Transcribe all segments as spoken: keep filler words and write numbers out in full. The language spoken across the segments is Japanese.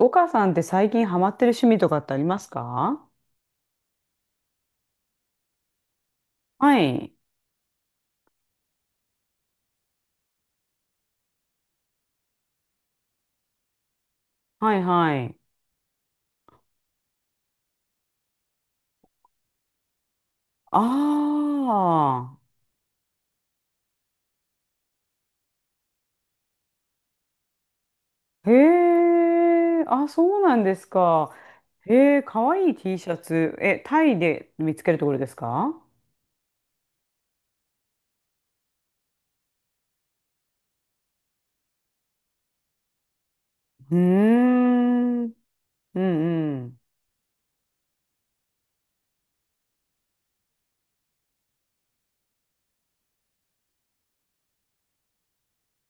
岡さんって最近ハマってる趣味とかってありますか？はい。はいはい。ああ。へえ。あ、そうなんですか。へえ、かわいい T シャツ。え、タイで見つけるところですか？うーん。うんうん。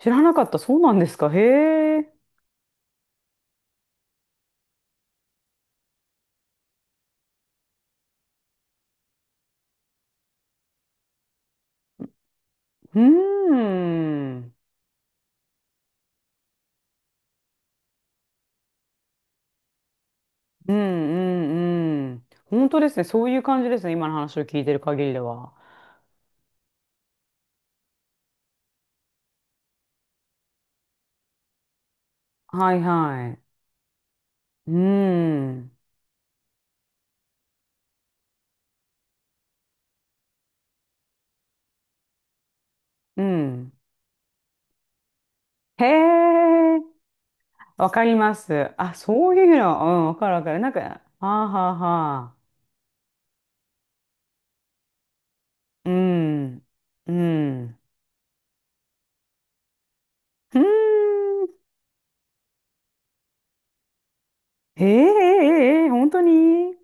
知らなかった。そうなんですか。へえ。うーん。うんうんうん。本当ですね。そういう感じですね。今の話を聞いてる限りでは。はいはい。うーん。うん。へえ、わかります。あ、そういうの、うん、わかるわかる。なんか、はあはあはあ。うん、うん。うーん。へえ、ええ、ええ、本当に。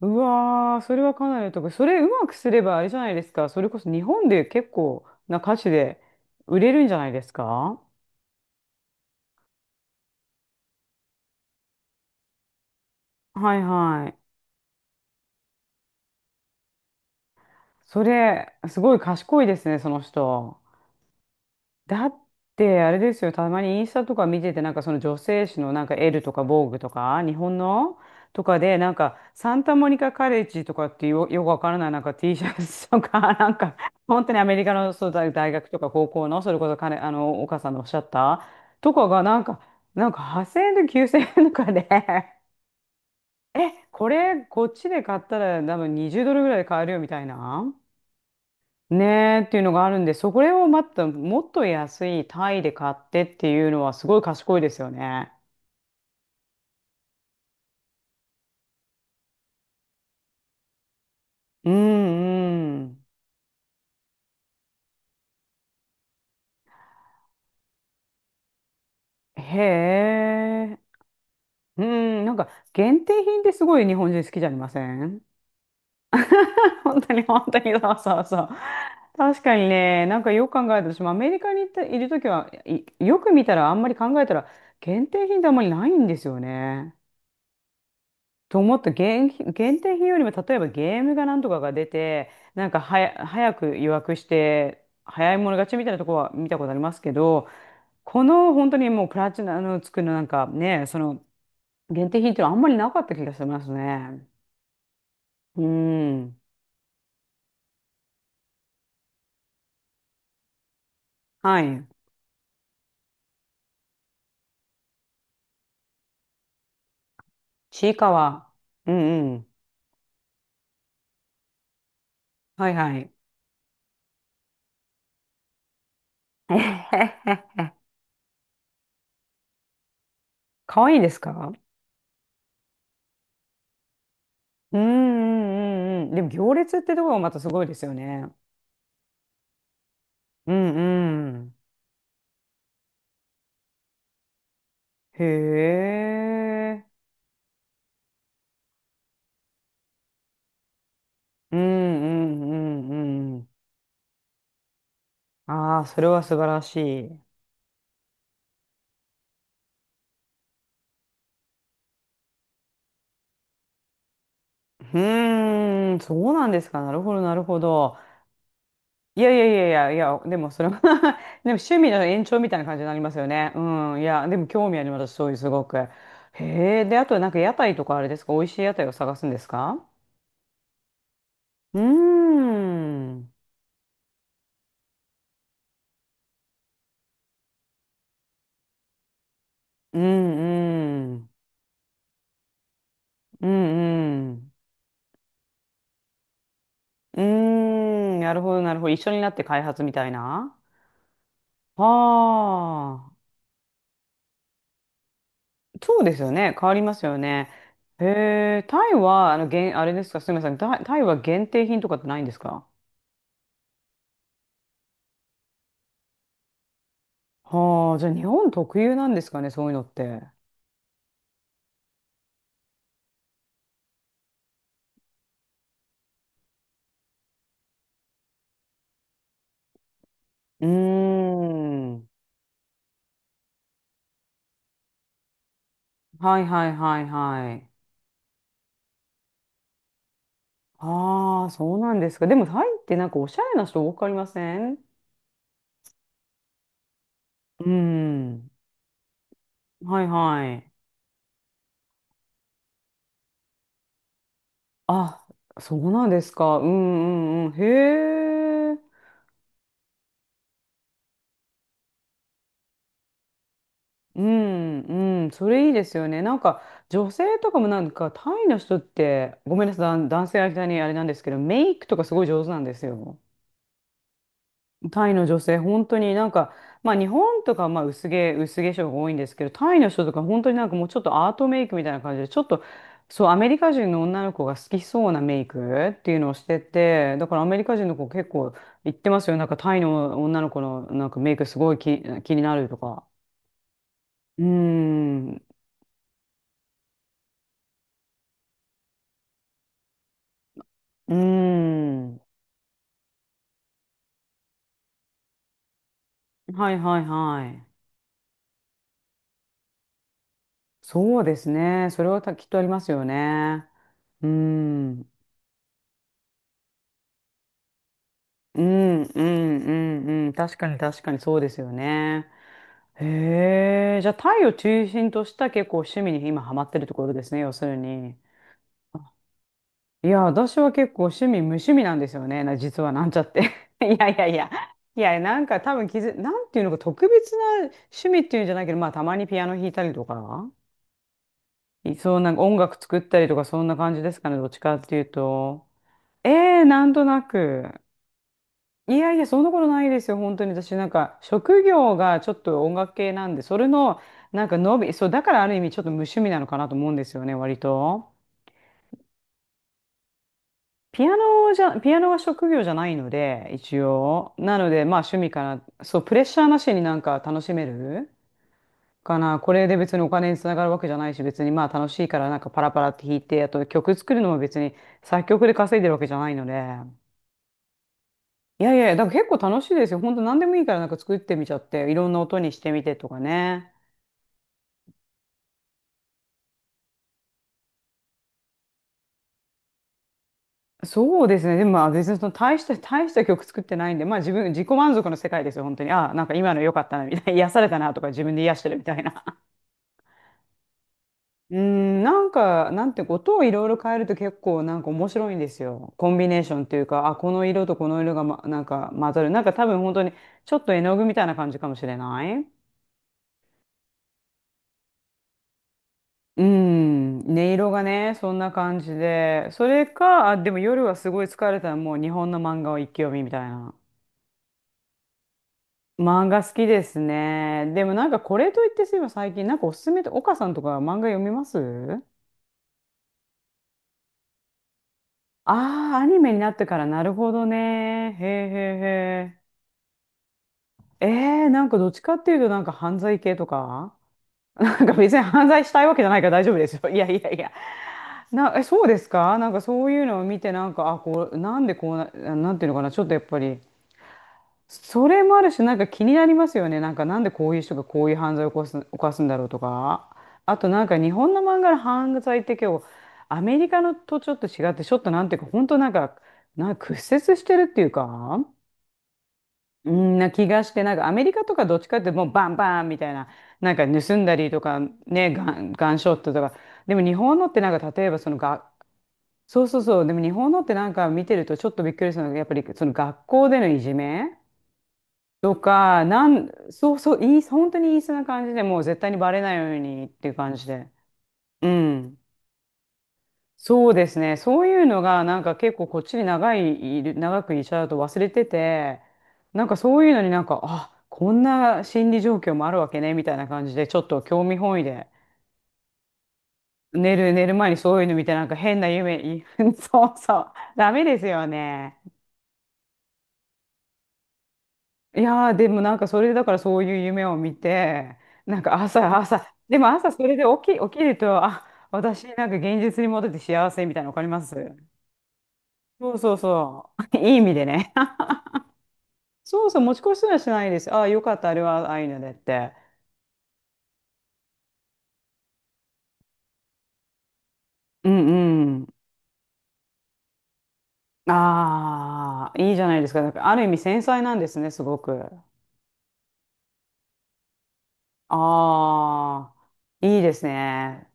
うわー、それはかなりのとこ。それうまくすればあれじゃないですか。それこそ日本で結構な歌手で売れるんじゃないですか？はいはい。それ、すごい賢いですね、その人。だってあれですよ、たまにインスタとか見てて、なんかその女性誌のなんかエルとかボーグとか、日本のとかで、なんかサンタモニカカレッジとかっていう、よ、よくわからないなんか T シャツとか、なんか本当にアメリカのそうだ大学とか高校の、それこそ彼、あの、お母さんのおっしゃったとかがなんか、なんかはっせんえんときゅうせんえんとかで え、これこっちで買ったら多分にじゅうドルぐらいで買えるよみたいな。ねえっていうのがあるんで、それをまたもっと安いタイで買ってっていうのはすごい賢いですよね。うんうん。へえ。うん、なんか限定品ってすごい日本人好きじゃありません？ 本当に本当にそうそうそう。確かにね、なんかよく考えたら、私もアメリカに行ったいるときは、いよく見たらあんまり考えたら限定品ってあんまりないんですよね。と思った。限、限定品よりも例えばゲームがなんとかが出てなんかはや早く予約して早い者勝ちみたいなとこは見たことありますけど、この本当にもうプラチナのつくのなんかねその限定品っていうのはあんまりなかった気がしますね。うん。はい。ちいかわ。うんうん。はいはい。えへへ。かわいいですか？うんうんうんうん。でも行列ってところがまたすごいですよね。うんうん。へえ。うんうんうんうん。ああ、それは素晴らしい。うーん、そうなんですか。なるほど、なるほど。いやいやいやいや、いや、でもそれは、 でも趣味の延長みたいな感じになりますよね。うん、いや、でも興味あります、そういうすごく。へえ、で、あとなんか屋台とかあれですか、美味しい屋台を探すんですか？うーん、うんうん、うんうん、うーん、なるほど、なるほど。一緒になって開発みたいな。はあ。そうですよね。変わりますよね。へえ、タイは、あの、限あれですか、すみません。タイ、タイは限定品とかってないんですか？はあ、じゃあ日本特有なんですかね、そういうのって。うーん。はいはいはいはい。ああ、そうなんですか。でもタイってなんかおしゃれな人多くありません？うん。はいはい。あ、そうなんですか。うんうんうん。へえ。うん、うん、それいいですよね。なんか、女性とかもなんか、タイの人って、ごめんなさい、男男性相手にあれなんですけど、メイクとかすごい上手なんですよ。タイの女性、本当になんか、まあ日本とかまあ薄毛、薄化粧が多いんですけど、タイの人とか本当になんかもうちょっとアートメイクみたいな感じで、ちょっと、そう、アメリカ人の女の子が好きそうなメイクっていうのをしてて、だからアメリカ人の子結構言ってますよ。なんかタイの女の子のなんかメイクすごい気、気になるとか。うーん、うーん。はいはいはい。そうですね。それはたきっとありますよね。うーん。うん、うん、うん、うん。確かに、確かにそうですよね。へえ。じゃあ、タイを中心とした結構趣味に今ハマってるところですね、要するに。いや、私は結構趣味、無趣味なんですよね。な実はなんちゃって。いやいやいや。いや、なんか多分気づ、なんていうのか、特別な趣味っていうんじゃないけど、まあ、たまにピアノ弾いたりとか。そう、なんか音楽作ったりとかそんな感じですかね、どっちかっていうと。ええなんとなく。いやいや、そんなことないですよ、本当に。私なんか、職業がちょっと音楽系なんで、それの、なんか伸び、そう、だからある意味ちょっと無趣味なのかなと思うんですよね、割と。ピアノじゃ、ピアノは職業じゃないので、一応。なので、まあ趣味かな。そう、プレッシャーなしになんか楽しめる。かな。これで別にお金につながるわけじゃないし、別にまあ楽しいからなんかパラパラって弾いて、あと曲作るのも別に作曲で稼いでるわけじゃないので。いやいや、だから結構楽しいですよ。本当何でもいいからなんか作ってみちゃって、いろんな音にしてみてとかね。そうですね。でもまあ別にその大した、大した曲作ってないんで、まあ自分、自己満足の世界ですよ、本当に。ああ、なんか今の良かったな、みたいな。癒されたなとか自分で癒してるみたいな。うーん、なんか、なんて、音をいろいろ変えると結構なんか面白いんですよ。コンビネーションというか、あ、この色とこの色が、ま、なんか混ざる。なんか多分本当にちょっと絵の具みたいな感じかもしれない。うん、音色がね、そんな感じで。それか、あ、でも夜はすごい疲れたらもう日本の漫画を一気読みみたいな。漫画好きですね。でもなんかこれといってすいません、最近なんかおすすめって、岡さんとか漫画読みます？ああー、アニメになってからなるほどね。へえへえへえ、えなんかどっちかっていうと、なんか犯罪系とか、なんか別に犯罪したいわけじゃないから大丈夫ですよ。いやいやいや。な、え、そうですか、なんかそういうのを見て、なんか、あ、こう、なんでこうな、なんていうのかな、ちょっとやっぱり、それもあるし、なんか気になりますよね。なんか、なんでこういう人がこういう犯罪を起こす、犯すんだろうとか。あと、なんか日本の漫画の犯罪って今日、アメリカのとちょっと違って、ちょっとなんていうか、本当なんか、なんか屈折してるっていうか、うんな気がして、なんかアメリカとかどっちかってもうバンバンみたいな、なんか盗んだりとかね、ガン、ガンショットとか。でも日本のってなんか例えばそのが、そうそうそう、でも日本のってなんか見てるとちょっとびっくりするのが、やっぱりその学校でのいじめとか、なん、そうそう、いい、本当にいいそうな感じでもう絶対にバレないようにっていう感じで。うん。そうですね。そういうのが、なんか結構こっちに長い、いる長くいちゃうと忘れてて、なんかそういうのになんか、あ、こんな心理状況もあるわけね、みたいな感じで、ちょっと興味本位で、寝る、寝る前にそういうの見て、なんか変な夢、い そうそう、ダメですよね。いやー、でもなんかそれでだからそういう夢を見て、なんか朝、朝、でも朝それで起き、起きると、あ、私なんか現実に戻って幸せみたいなの分かります？そうそうそう。いい意味でね。そうそう、持ち越しはしないです。ああ、よかった、あれはアイヌでって。うんうん。ああ、いいじゃないですか。なんかある意味繊細なんですね、すごく。ああ、いいですね。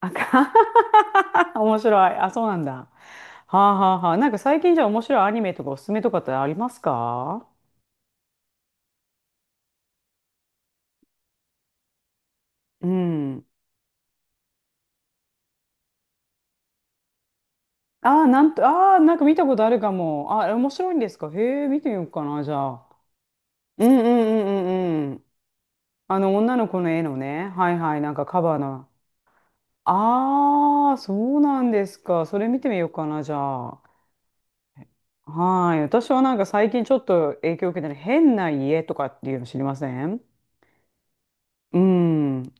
あか 面白い。あ、そうなんだ。はあはあはあ。なんか最近じゃあ面白いアニメとかおすすめとかってありますか？うん。ああ、なんと、ああ、なんか見たことあるかも。あ、面白いんですか？へえ、見てみようかな、じゃあ。うんうんうんうんうん。あの女の子の絵のね、はいはい、なんかカバーの。ああ、そうなんですか。それ見てみようかな、じゃあ。はい。私はなんか最近ちょっと影響を受けてる変な家とかっていうの知りません？うん。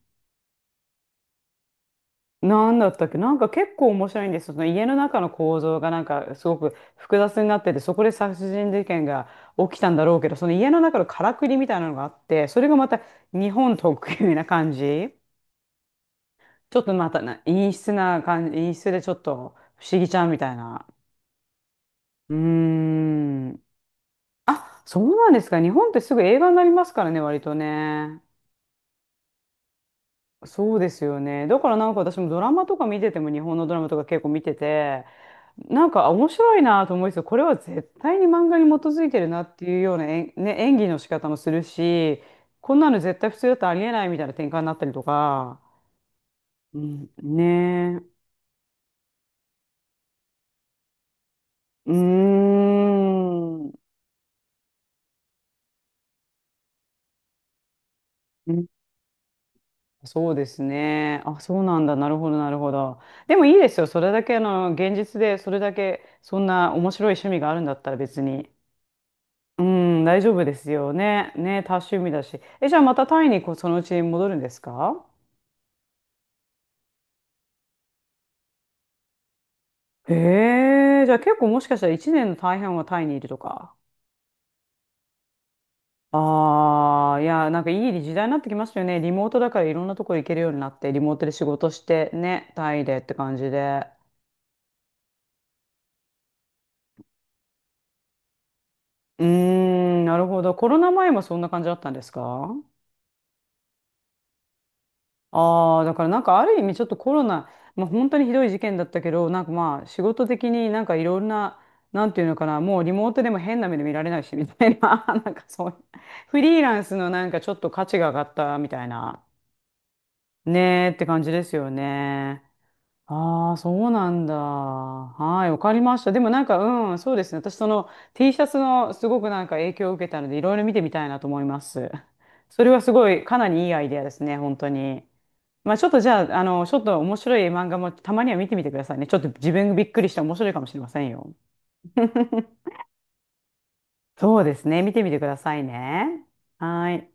なんだったっけ、なんか結構面白いんですよ。その家の中の構造がなんかすごく複雑になってて、そこで殺人事件が起きたんだろうけど、その家の中のからくりみたいなのがあって、それがまた日本特有な感じ。ちょっとまたな、陰湿な感じ、陰湿でちょっと不思議ちゃんみたいな。うーん。あ、そうなんですか。日本ってすぐ映画になりますからね、割とね。そうですよね。だからなんか私もドラマとか見てても、日本のドラマとか結構見てて、なんかあ面白いなと思いつつ、これは絶対に漫画に基づいてるなっていうような演、ね、演技の仕方もするし、こんなの絶対普通だとありえないみたいな展開になったりとか。うん、ねえ。うーん。うーそうですね。あ、そうなんだ。なるほど、なるほど。でもいいですよ。それだけ、あの、現実で、それだけ、そんな面白い趣味があるんだったら別に。うん、大丈夫ですよね。ね、多趣味だし。え、じゃあまたタイにこうそのうちに戻るんですか？へえ、じゃあ結構もしかしたらいちねんの大半はタイにいるとか。ああ、いや、なんかいい時代になってきましたよね。リモートだからいろんなところ行けるようになって、リモートで仕事して、ね、タイでって感じで。うーん、なるほど。コロナ前もそんな感じだったんですか？ああー、だからなんかある意味ちょっとコロナ、まあ、本当にひどい事件だったけど、なんかまあ仕事的になんかいろんな、なんていうのかな、もうリモートでも変な目で見られないしみたいな、なんかそういう、フリーランスのなんかちょっと価値が上がったみたいな、ねーって感じですよね。ああ、そうなんだ。はい、わかりました。でもなんか、うん、そうですね。私、その T シャツのすごくなんか影響を受けたので、いろいろ見てみたいなと思います。それはすごい、かなりいいアイデアですね、本当に。まあ、ちょっとじゃあ、あの、ちょっと面白い漫画もたまには見てみてくださいね。ちょっと自分がびっくりして面白いかもしれませんよ。そうですね、見てみてくださいね。はい。